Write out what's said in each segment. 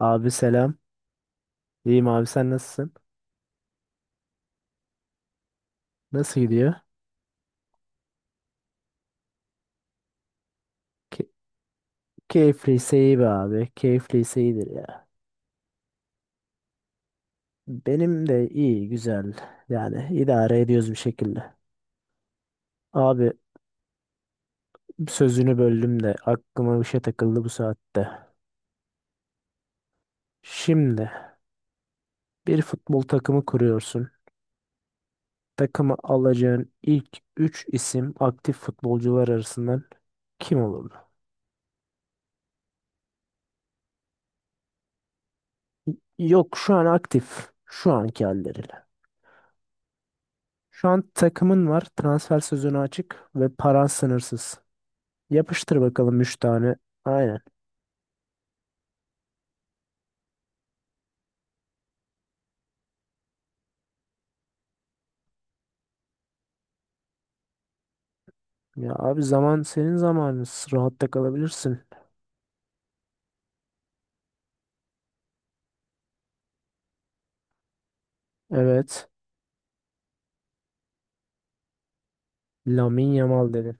Abi selam. İyiyim abi sen nasılsın? Nasıl gidiyor? Ke- Keyifliyse iyi be abi. Keyifliyse iyidir ya. Benim de iyi güzel. Yani idare ediyoruz bir şekilde. Abi sözünü böldüm de aklıma bir şey takıldı bu saatte. Şimdi bir futbol takımı kuruyorsun. Takıma alacağın ilk 3 isim aktif futbolcular arasından kim olurdu? Yok şu an aktif. Şu anki halleriyle. Şu an takımın var. Transfer sezonu açık ve paran sınırsız. Yapıştır bakalım 3 tane. Aynen. Ya abi zaman senin zamanın. Rahatta kalabilirsin. Evet. Lamine Yamal dedin.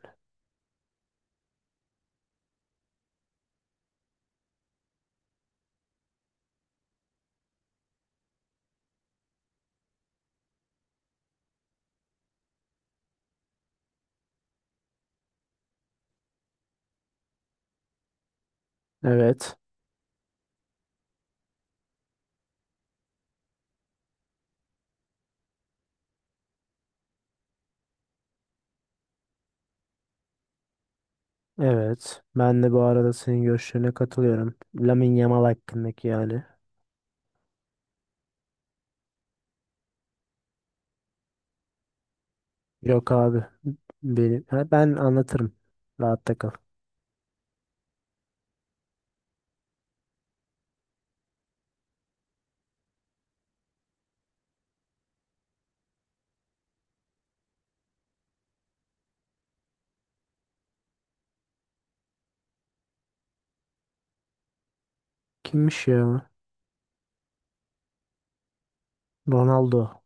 Evet. Evet. Ben de bu arada senin görüşlerine katılıyorum. Lamine Yamal hakkındaki yani. Yok abi. Benim. Ha, ben anlatırım. Rahatta kal. Kimmiş ya? Ronaldo.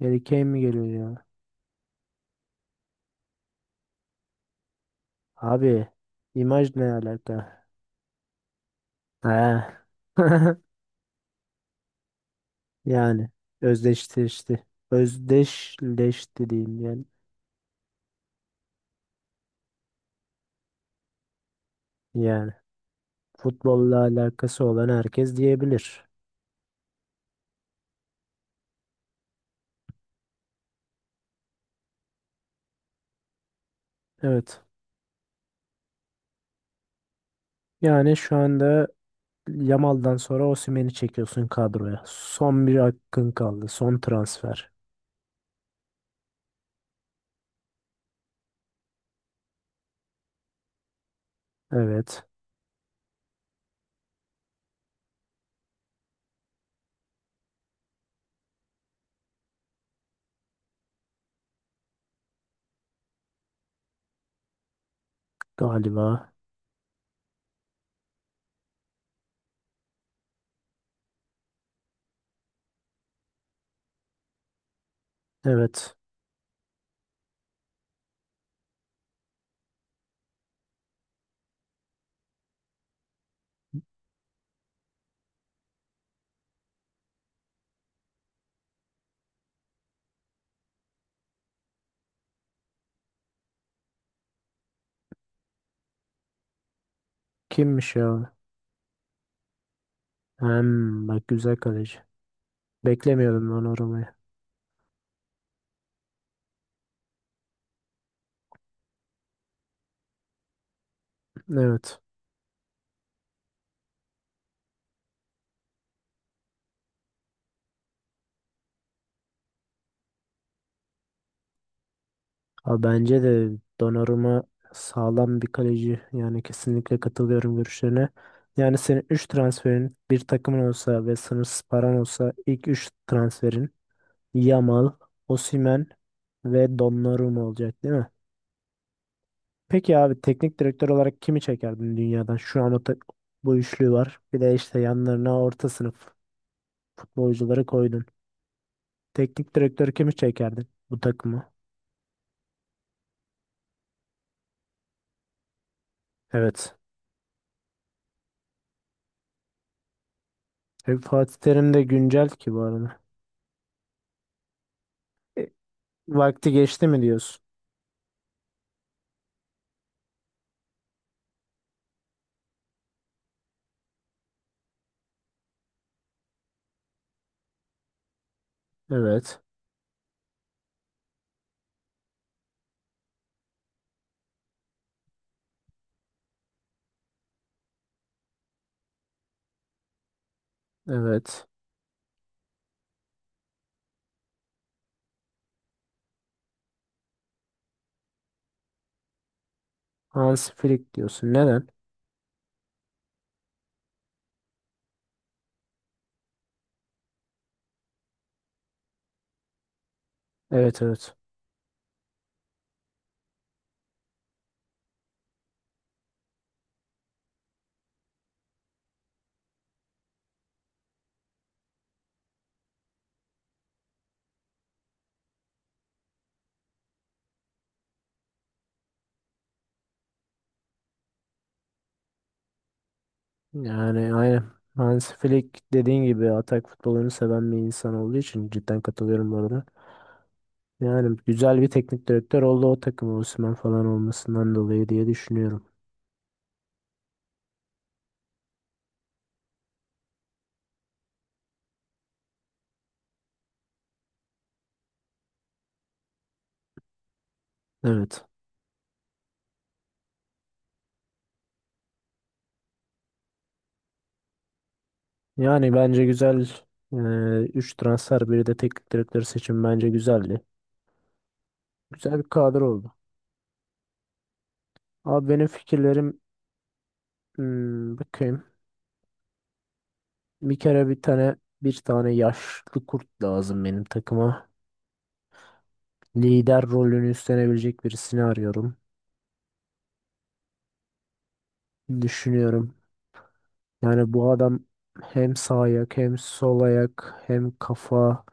Harry Kane mi geliyor ya? Abi, imaj ne alaka? He. Yani özdeşleşti. Özdeşleşti diyeyim yani. Yani futbolla alakası olan herkes diyebilir. Evet. Yani şu anda Yamal'dan sonra Osimhen'i çekiyorsun kadroya. Son bir hakkın kaldı. Son transfer. Evet. Galiba. Evet. Kimmiş ya? Hem bak güzel kaleci. Beklemiyordum ben orayı. Evet. Abi bence de Donnarumma sağlam bir kaleci. Yani kesinlikle katılıyorum görüşlerine. Yani senin 3 transferin bir takımın olsa ve sınırsız paran olsa ilk 3 transferin Yamal, Osimhen ve Donnarumma olacak değil mi? Peki abi teknik direktör olarak kimi çekerdin dünyadan? Şu an bu üçlü var. Bir de işte yanlarına orta sınıf futbolcuları koydun. Teknik direktör kimi çekerdin bu takımı? Evet. E, Fatih Terim de güncel ki bu arada. Vakti geçti mi diyorsun? Evet. Evet. Hans Flick diyorsun. Neden? Evet, evet. Yani aynen. Hans Flick dediğin gibi atak futbolunu seven bir insan olduğu için cidden katılıyorum bu arada. Yani güzel bir teknik direktör oldu o takım Osimhen falan olmasından dolayı diye düşünüyorum. Evet. Yani bence güzel 3 transfer biri de teknik direktör seçim bence güzeldi. Güzel bir kadro oldu. Abi benim fikirlerim hmm, bakayım. Bir kere bir tane yaşlı kurt lazım benim takıma. Lider rolünü üstlenebilecek birisini arıyorum. Düşünüyorum. Yani bu adam hem sağ ayak hem sol ayak hem kafa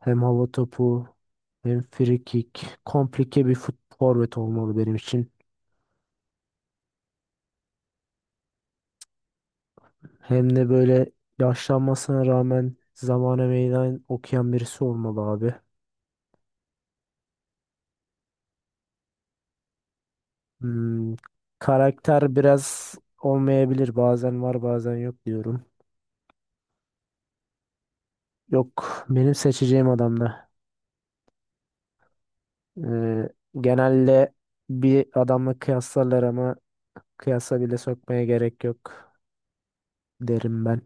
hem hava topu hem free kick. Komplike bir forvet olmalı benim için. Hem de böyle yaşlanmasına rağmen zamana meydan okuyan birisi olmalı abi. Hmm, karakter biraz olmayabilir. Bazen var bazen yok diyorum. Yok benim seçeceğim adamla. Ee, Genelde bir adamla kıyaslarlar ama kıyasa bile sokmaya gerek yok derim ben.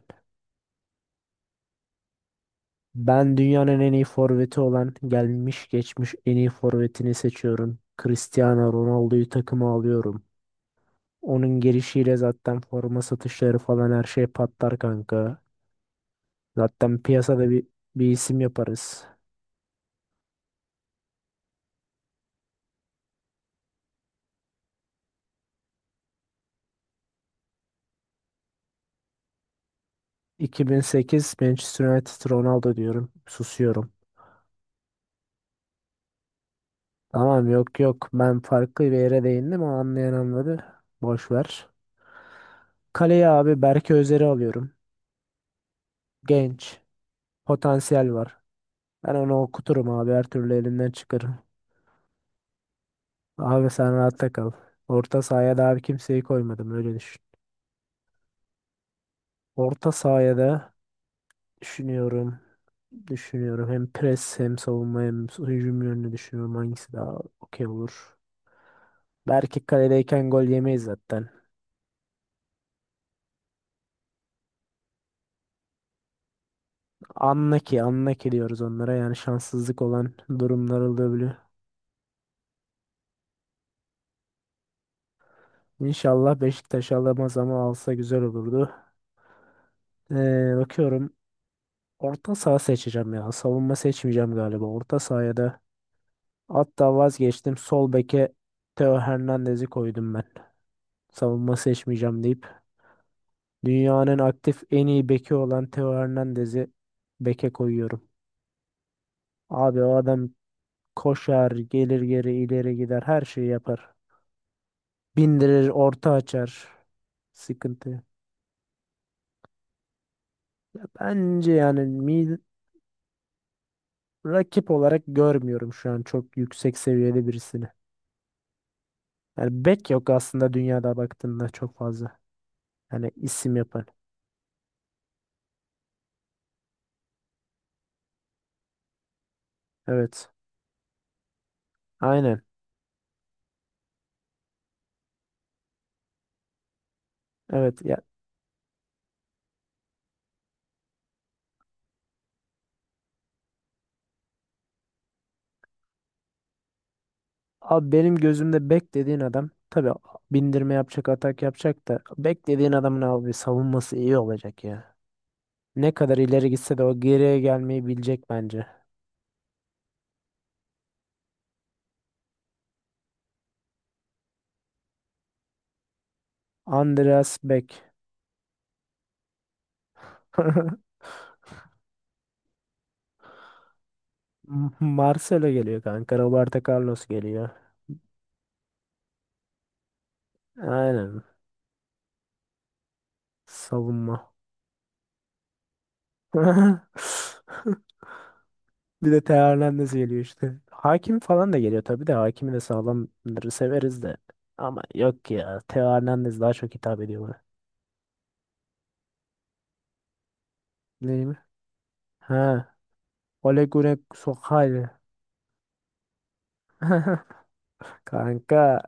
Ben dünyanın en iyi forveti olan gelmiş geçmiş en iyi forvetini seçiyorum. Cristiano Ronaldo'yu takıma alıyorum. Onun gelişiyle zaten forma satışları falan her şey patlar kanka. Zaten piyasada bir isim yaparız. 2008 Manchester United Ronaldo diyorum. Susuyorum. Tamam yok yok ben farklı bir yere değindim o anlayan anladı. Boş ver. Kaleye abi Berke Özer'i alıyorum. Genç. Potansiyel var. Ben onu okuturum abi her türlü elinden çıkarım. Abi sen rahatta kal. Orta sahaya da abi kimseyi koymadım öyle düşün. Orta sahaya da düşünüyorum. Düşünüyorum hem pres hem savunma hem hücum yönünü düşünüyorum hangisi daha okey olur. Berke kaledeyken gol yemeyiz zaten. Anlaki, anlaki diyoruz onlara. Yani şanssızlık olan durumlar olabiliyor. İnşallah Beşiktaş alamaz ama alsa güzel olurdu. Bakıyorum. Orta saha seçeceğim ya. Savunma seçmeyeceğim galiba. Orta sahaya da hatta vazgeçtim. Sol beke Theo Hernandez'i koydum ben. Savunma seçmeyeceğim deyip dünyanın aktif en iyi beki olan Theo Hernandez'i beke koyuyorum. Abi o adam koşar, gelir geri ileri gider, her şeyi yapar. Bindirir, orta açar. Sıkıntı. Bence yani mid rakip olarak görmüyorum şu an çok yüksek seviyede birisini. Yani bek yok aslında dünyada baktığında çok fazla, yani isim yapan. Evet. Aynen. Evet. Ya, abi benim gözümde bek dediğin adam tabii bindirme yapacak, atak yapacak da bek dediğin adamın abi savunması iyi olacak ya. Ne kadar ileri gitse de o geriye gelmeyi bilecek bence. Andreas Beck. Marcelo geliyor kanka. Roberto Carlos geliyor. Aynen. Savunma. Bir de Teo Hernandez geliyor işte. Hakim falan da geliyor tabii de hakimi de sağlamları severiz de. Ama yok ya Teo Hernandez daha çok hitap ediyor bana. Değil mi? Ha. Ole Gunnar Solskjaer. Kanka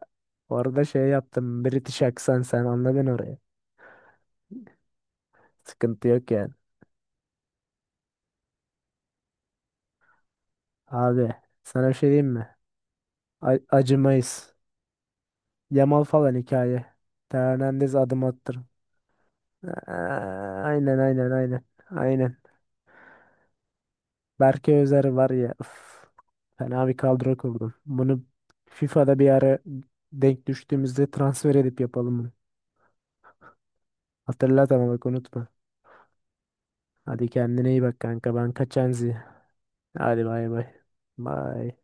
orada şey yaptım British aksan sen anladın orayı. Sıkıntı yok yani. Abi sana bir şey diyeyim mi? Acımayız. Yamal falan hikaye. Teo Hernandez adım attır. Aa, aynen aynen aynen. Aynen. Berke Özer var ya. Üf, fena bir kadro kurdum. Bunu FIFA'da bir ara denk düştüğümüzde transfer edip yapalım bunu. Hatırlat ama bak unutma. Hadi kendine iyi bak kanka. Ben kaçan Zi. Hadi bay bay. Bay.